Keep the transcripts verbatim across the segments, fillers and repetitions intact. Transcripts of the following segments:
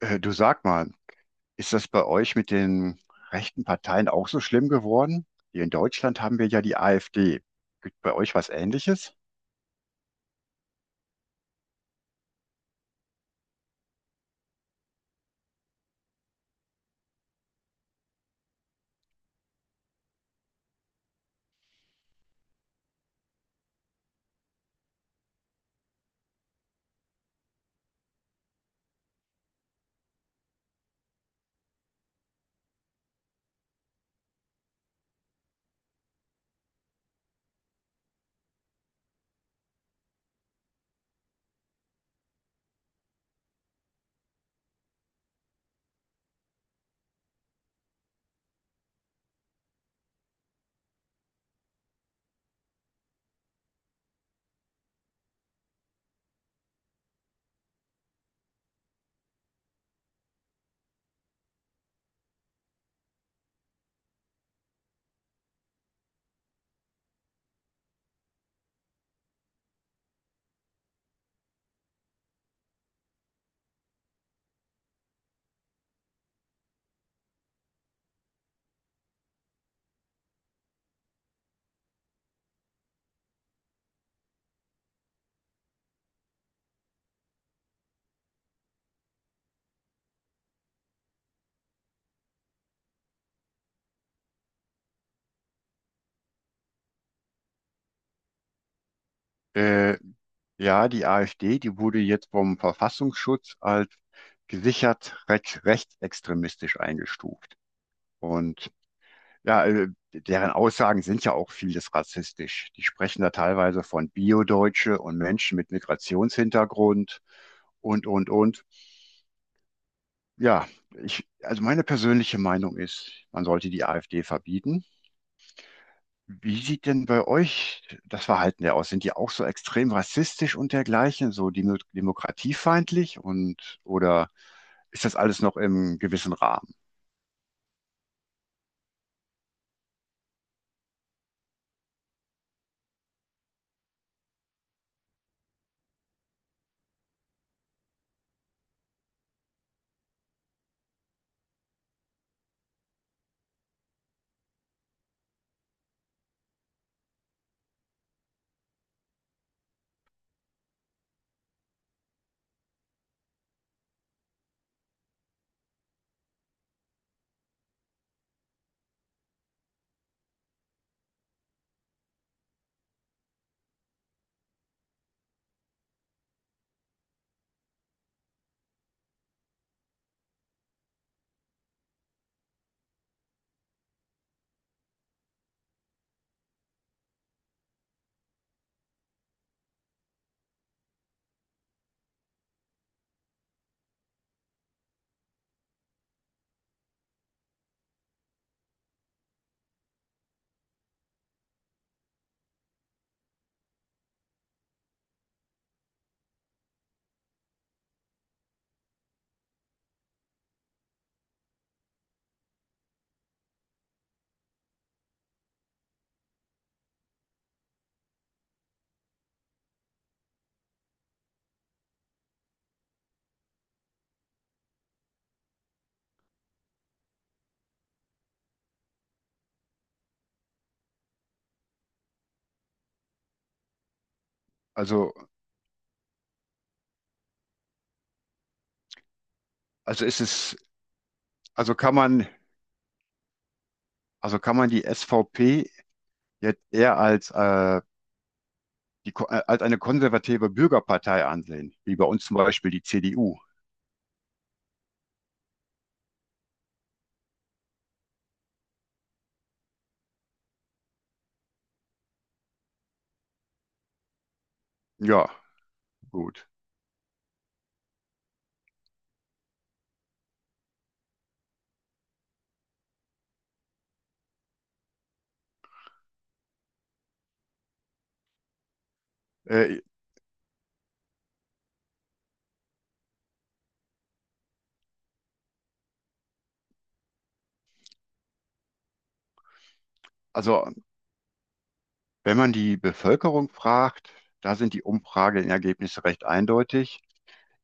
Äh, du sag mal, ist das bei euch mit den rechten Parteien auch so schlimm geworden? Hier in Deutschland haben wir ja die AfD. Gibt bei euch was Ähnliches? Äh, ja, die AfD, die wurde jetzt vom Verfassungsschutz als gesichert recht, rechtsextremistisch eingestuft. Und ja, äh, deren Aussagen sind ja auch vieles rassistisch. Die sprechen da teilweise von Biodeutsche und Menschen mit Migrationshintergrund und, und, und. Ja, ich, also meine persönliche Meinung ist, man sollte die AfD verbieten. Wie sieht denn bei euch das Verhalten der aus? Sind die auch so extrem rassistisch und dergleichen, so demo- demokratiefeindlich und oder ist das alles noch im gewissen Rahmen? Also, also ist es, also kann man, also kann man die S V P jetzt eher als, äh, die, Ko- äh, als eine konservative Bürgerpartei ansehen, wie bei uns zum Beispiel die C D U? Ja, gut. Äh, also, wenn man die Bevölkerung fragt, da sind die Umfrageergebnisse recht eindeutig.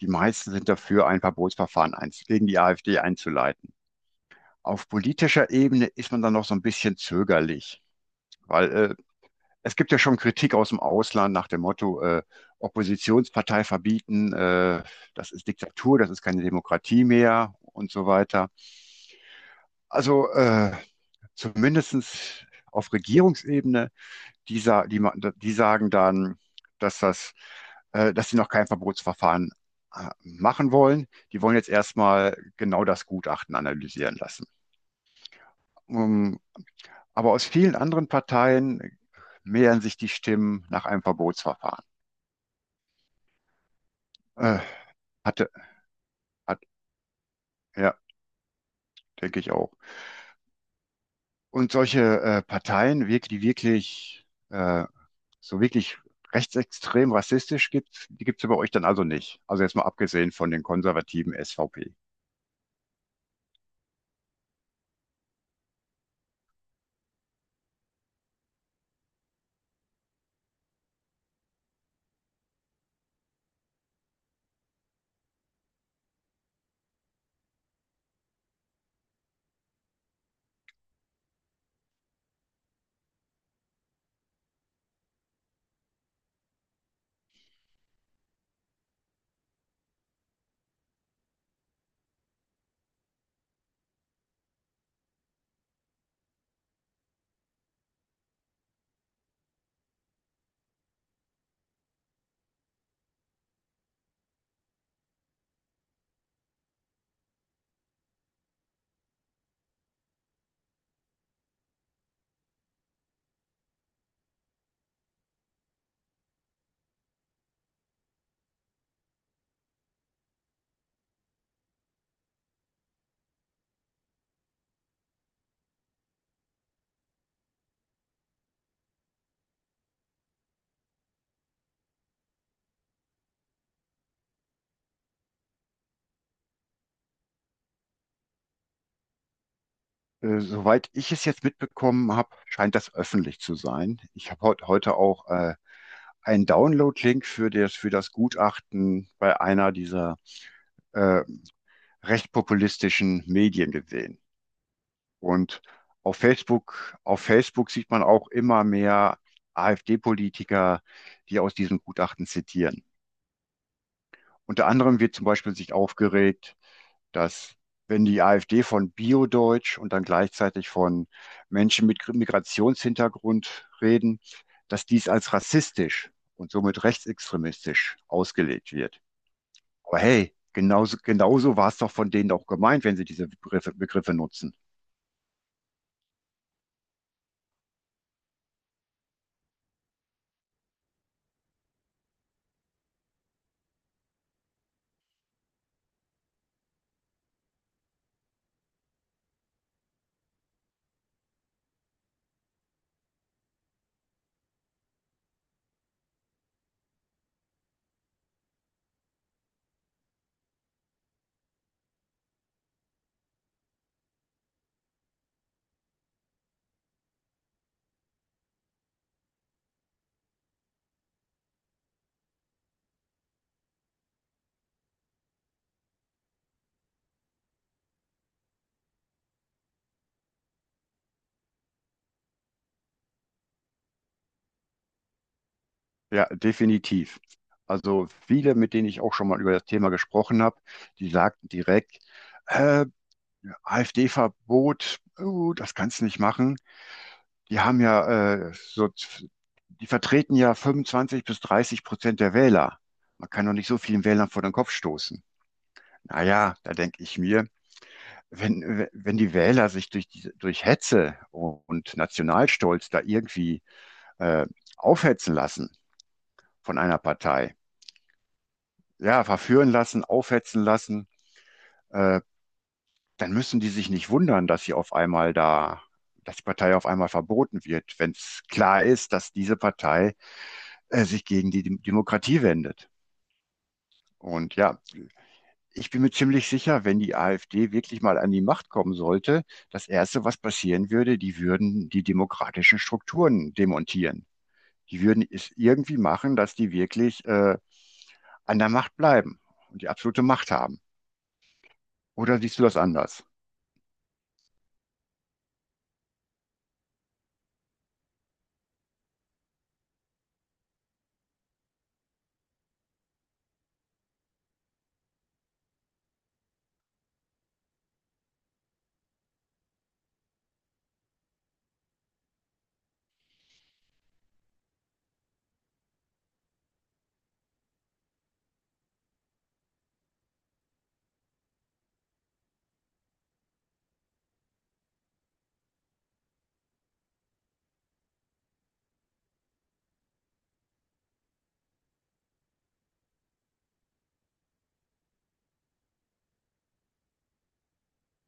Die meisten sind dafür, ein Verbotsverfahren eins gegen die AfD einzuleiten. Auf politischer Ebene ist man dann noch so ein bisschen zögerlich, weil äh, es gibt ja schon Kritik aus dem Ausland nach dem Motto, äh, Oppositionspartei verbieten, äh, das ist Diktatur, das ist keine Demokratie mehr und so weiter. Also äh, zumindest auf Regierungsebene die, sa die, ma- die sagen dann, dass das, äh, dass sie noch kein Verbotsverfahren äh, machen wollen. Die wollen jetzt erstmal genau das Gutachten analysieren lassen. Ähm, aber aus vielen anderen Parteien mehren sich die Stimmen nach einem Verbotsverfahren. Äh, hatte, hat, ja, denke ich auch. Und solche äh, Parteien, wirk- die wirklich, äh, so wirklich rechtsextrem rassistisch gibt, die gibt es bei euch dann also nicht. Also jetzt mal abgesehen von den konservativen S V P. Äh, Soweit ich es jetzt mitbekommen habe, scheint das öffentlich zu sein. Ich habe heut, heute auch äh, einen Download-Link für das, für das Gutachten bei einer dieser äh, recht populistischen Medien gesehen. Und auf Facebook, auf Facebook sieht man auch immer mehr AfD-Politiker, die aus diesem Gutachten zitieren. Unter anderem wird zum Beispiel sich aufgeregt, dass wenn die AfD von Bio-Deutsch und dann gleichzeitig von Menschen mit Migrationshintergrund reden, dass dies als rassistisch und somit rechtsextremistisch ausgelegt wird. Aber hey, genauso, genauso war es doch von denen auch gemeint, wenn sie diese Begriffe, Begriffe nutzen. Ja, definitiv. Also viele, mit denen ich auch schon mal über das Thema gesprochen habe, die sagten direkt, äh, AfD-Verbot, oh, das kannst du nicht machen. Die haben ja äh, so, die vertreten ja fünfundzwanzig bis dreißig Prozent der Wähler. Man kann doch nicht so vielen Wählern vor den Kopf stoßen. Naja, da denke ich mir, wenn, wenn die Wähler sich durch, diese- durch Hetze und Nationalstolz da irgendwie äh, aufhetzen lassen von einer Partei, ja, verführen lassen, aufhetzen lassen, äh, dann müssen die sich nicht wundern, dass sie auf einmal da, dass die Partei auf einmal verboten wird, wenn es klar ist, dass diese Partei äh, sich gegen die Dem- Demokratie wendet. Und ja, ich bin mir ziemlich sicher, wenn die AfD wirklich mal an die Macht kommen sollte, das Erste, was passieren würde, die würden die demokratischen Strukturen demontieren. Die würden es irgendwie machen, dass die wirklich äh, an der Macht bleiben und die absolute Macht haben. Oder siehst du das anders?